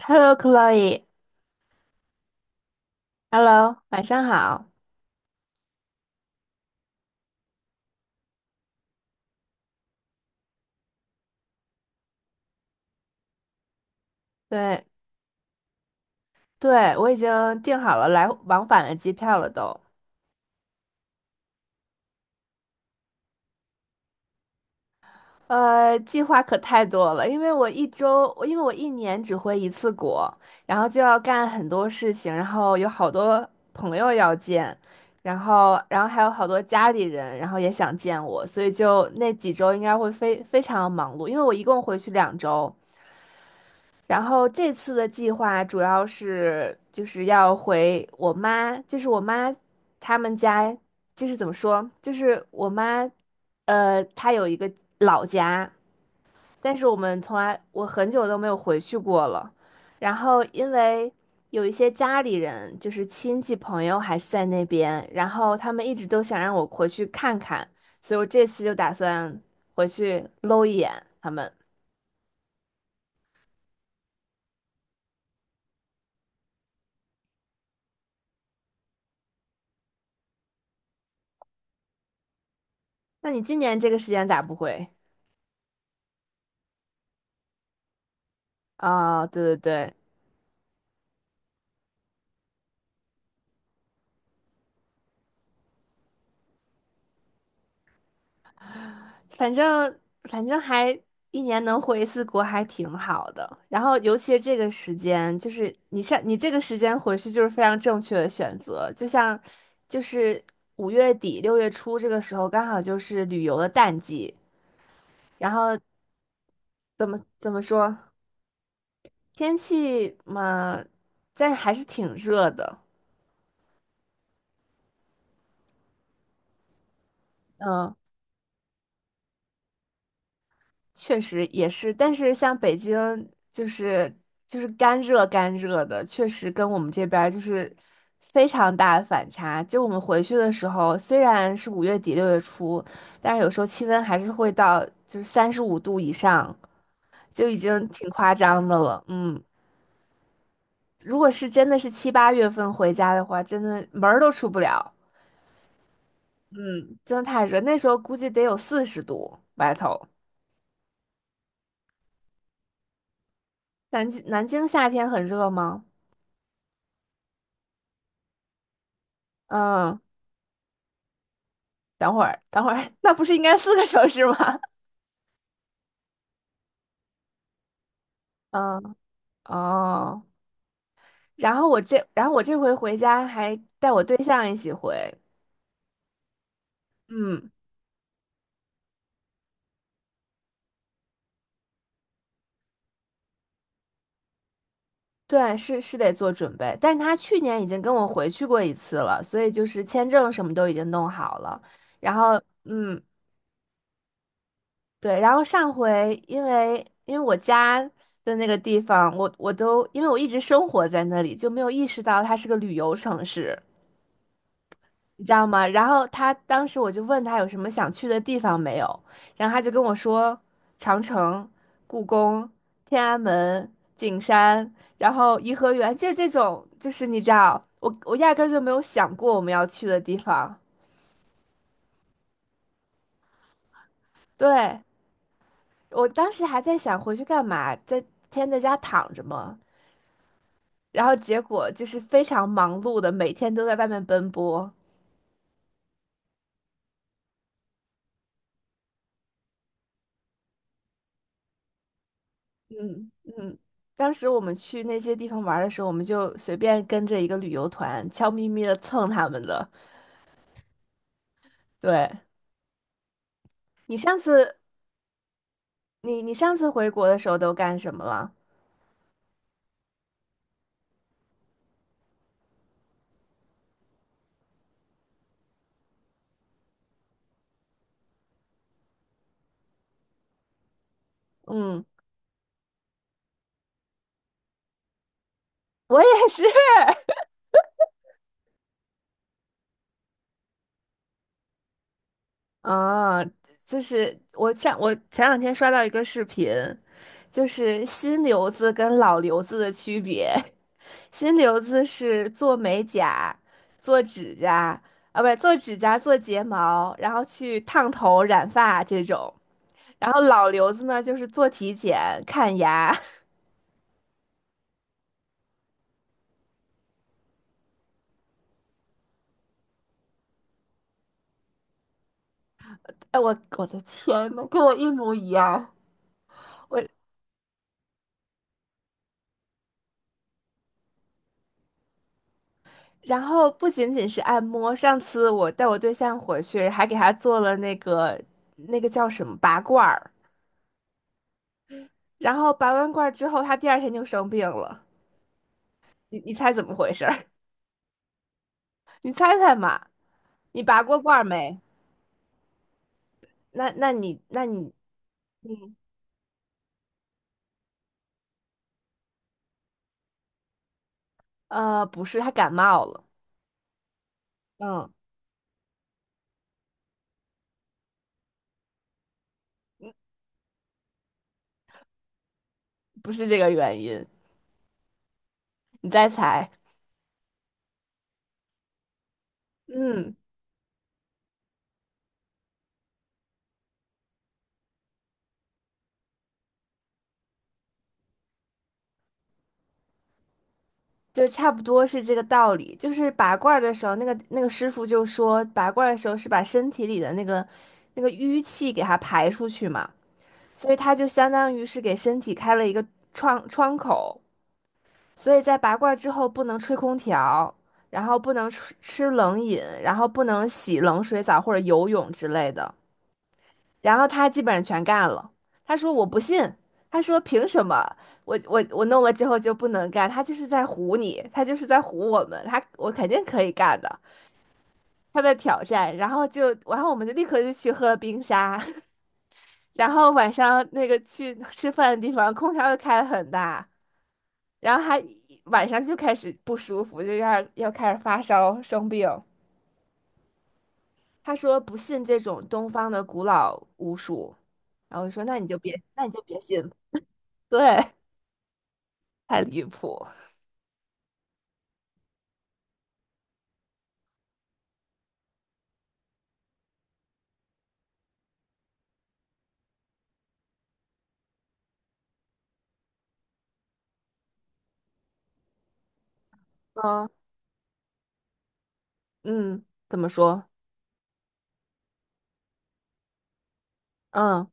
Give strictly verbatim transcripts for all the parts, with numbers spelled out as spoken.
Hello, Chloe，Hello，晚上好。对对，我已经订好了来往返的机票了都。呃，计划可太多了，因为我一周，我因为我一年只回一次国，然后就要干很多事情，然后有好多朋友要见，然后然后还有好多家里人，然后也想见我，所以就那几周应该会非非常忙碌，因为我一共回去两周。然后这次的计划主要是就是要回我妈，就是我妈他们家，就是怎么说，就是我妈，呃，她有一个老家，但是我们从来我很久都没有回去过了。然后因为有一些家里人，就是亲戚朋友还是在那边，然后他们一直都想让我回去看看，所以我这次就打算回去搂一眼他们。那你今年这个时间咋不回？啊，对对对，反正反正还一年能回一次国还挺好的。然后尤其是这个时间，就是你上你这个时间回去就是非常正确的选择。就像就是五月底六月初这个时候，刚好就是旅游的淡季。然后怎么怎么说，天气嘛，但还是挺热的。嗯，确实也是，但是像北京就是就是干热干热的，确实跟我们这边儿就是非常大的反差。就我们回去的时候，虽然是五月底六月初，但是有时候气温还是会到就是三十五度以上，就已经挺夸张的了。嗯，如果是真的是七八月份回家的话，真的门儿都出不了。嗯，真的太热，那时候估计得有四十度外头。南京南京夏天很热吗？嗯。等会儿，等会儿，那不是应该四个小时吗？嗯，哦，然后我这，然后我这回回家还带我对象一起回，嗯，对，是是得做准备，但是他去年已经跟我回去过一次了，所以就是签证什么都已经弄好了，然后，嗯，对，然后上回因为因为我家的那个地方，我我都因为我一直生活在那里，就没有意识到它是个旅游城市。你知道吗？然后他当时我就问他有什么想去的地方没有，然后他就跟我说长城、故宫、天安门、景山，然后颐和园，就是这种，就是你知道，我我压根儿就没有想过我们要去的地方。对，我当时还在想回去干嘛，在天天在家躺着嘛，然后结果就是非常忙碌的，每天都在外面奔波。嗯嗯，当时我们去那些地方玩儿的时候，我们就随便跟着一个旅游团，悄咪咪的蹭他们的。对，你上次，你你上次回国的时候都干什么了？嗯，我也是。啊，就是我前我前两天刷到一个视频，就是新留子跟老留子的区别。新留子是做美甲、做指甲啊，不是做指甲、做睫毛，然后去烫头、染发这种。然后老刘子呢，就是做体检、看牙。哎，我我的天呐，跟我一模一样。我然后不仅仅是按摩，上次我带我对象回去，还给他做了那个那个叫什么拔罐儿。然后拔完罐儿之后，他第二天就生病了。你你猜怎么回事儿？你猜猜嘛？你拔过罐儿没？那那你那你嗯呃，不是，他感冒了。嗯，不是这个原因。你再猜。嗯。就差不多是这个道理。就是拔罐儿的时候，那个那个师傅就说，拔罐儿的时候是把身体里的那个那个淤气给它排出去嘛，所以它就相当于是给身体开了一个窗窗口。所以在拔罐儿之后，不能吹空调，然后不能吃吃冷饮，然后不能洗冷水澡或者游泳之类的。然后他基本上全干了。他说我不信，他说凭什么我我我弄了之后就不能干？他就是在唬你，他就是在唬我们，他我肯定可以干的。他在挑战，然后就然后我们就立刻就去喝冰沙，然后晚上那个去吃饭的地方空调又开得很大，然后还晚上就开始不舒服，就要要开始发烧生病。他说不信这种东方的古老巫术，然后我说那你就别那你就别信，对。太离谱。嗯，嗯，怎么说？嗯，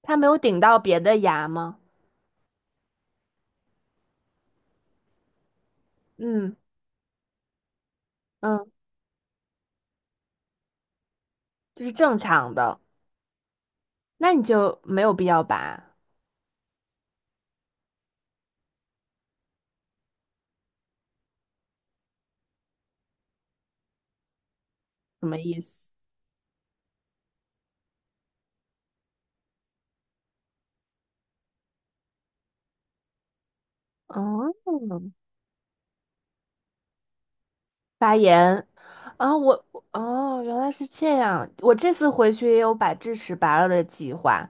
他没有顶到别的牙吗？嗯嗯，就是正常的，那你就没有必要拔，什么意思？哦，拔牙啊，我哦，原来是这样。我这次回去也有把智齿拔了的计划，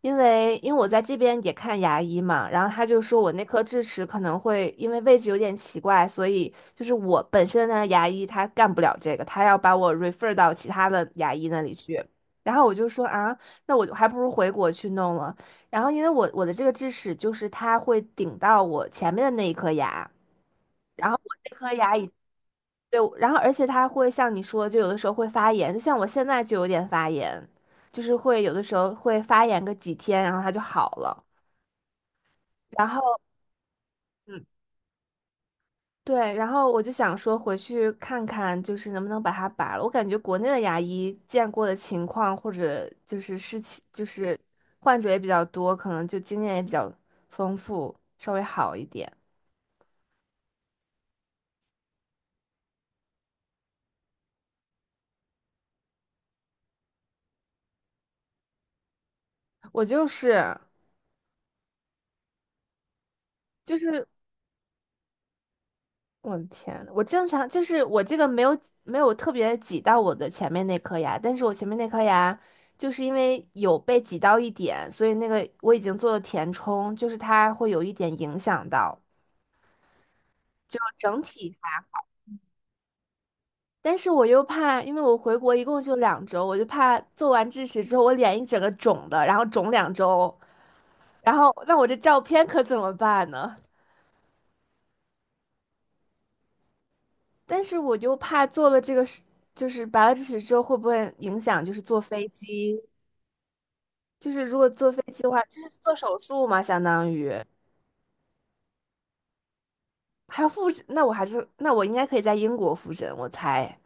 因为因为我在这边也看牙医嘛，然后他就说我那颗智齿可能会因为位置有点奇怪，所以就是我本身的牙医他干不了这个，他要把我 refer 到其他的牙医那里去。然后我就说啊，那我还不如回国去弄了。然后因为我我的这个智齿就是它会顶到我前面的那一颗牙。然后。对，然后而且它会像你说，就有的时候会发炎，就像我现在就有点发炎，就是会有的时候会发炎个几天，然后它就好了。然后，嗯，对，然后我就想说回去看看，就是能不能把它拔了。我感觉国内的牙医见过的情况或者就是事情，就是患者也比较多，可能就经验也比较丰富，稍微好一点。我就是就是我的天，我正常就是我这个没有没有特别挤到我的前面那颗牙，但是我前面那颗牙就是因为有被挤到一点，所以那个我已经做了填充，就是它会有一点影响到，就整体它。但是我又怕，因为我回国一共就两周，我就怕做完智齿之后我脸一整个肿的，然后肿两周，然后那我这照片可怎么办呢？但是我又怕做了这个事，就是拔了智齿之后会不会影响，就是坐飞机。就是如果坐飞机的话，就是做手术嘛，相当于还要复诊。那我还是，那我应该可以在英国复诊，我猜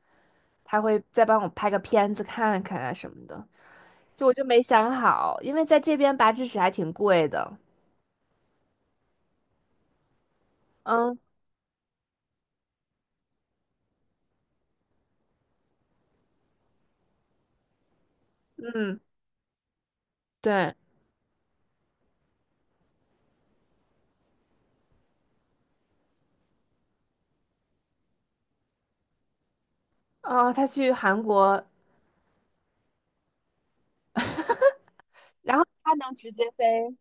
他会再帮我拍个片子看看啊什么的。就我就没想好，因为在这边拔智齿还挺贵的。嗯嗯，对。哦，他去韩国，然后他能直接飞。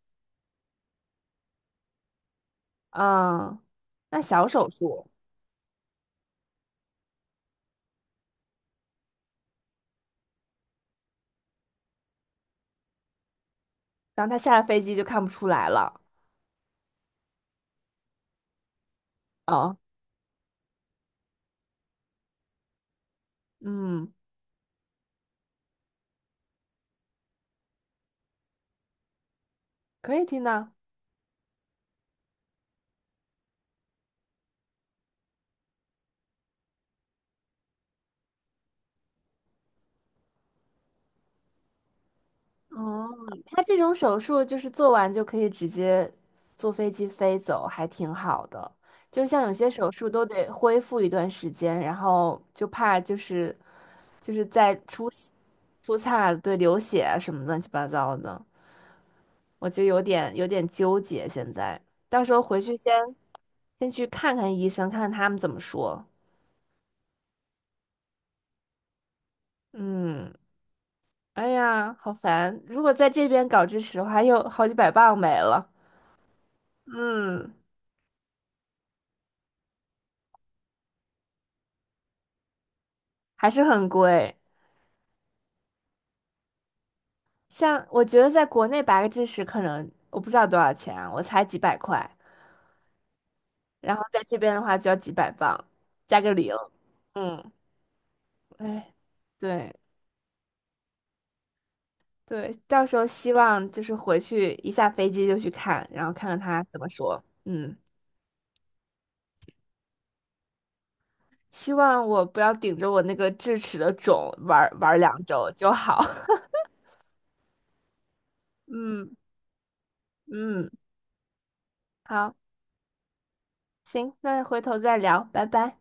嗯，那小手术，然后他下了飞机就看不出来了。哦，嗯，可以听到。他这种手术就是做完就可以直接坐飞机飞走，还挺好的。就是像有些手术都得恢复一段时间，然后就怕就是就是再出血出岔子对，流血啊什么乱七八糟的，我就有点有点纠结。现在到时候回去先先去看看医生，看看他们怎么说。嗯，哎呀，好烦！如果在这边搞支持的话，又好几百磅没了。嗯，还是很贵。像我觉得在国内拔个智齿可能我不知道多少钱啊我才几百块，然后在这边的话就要几百磅，加个零。嗯，哎，对对，到时候希望就是回去一下飞机就去看，然后看看他怎么说。嗯，希望我不要顶着我那个智齿的肿玩儿玩儿两周就好。嗯嗯，好，行，那回头再聊，拜拜。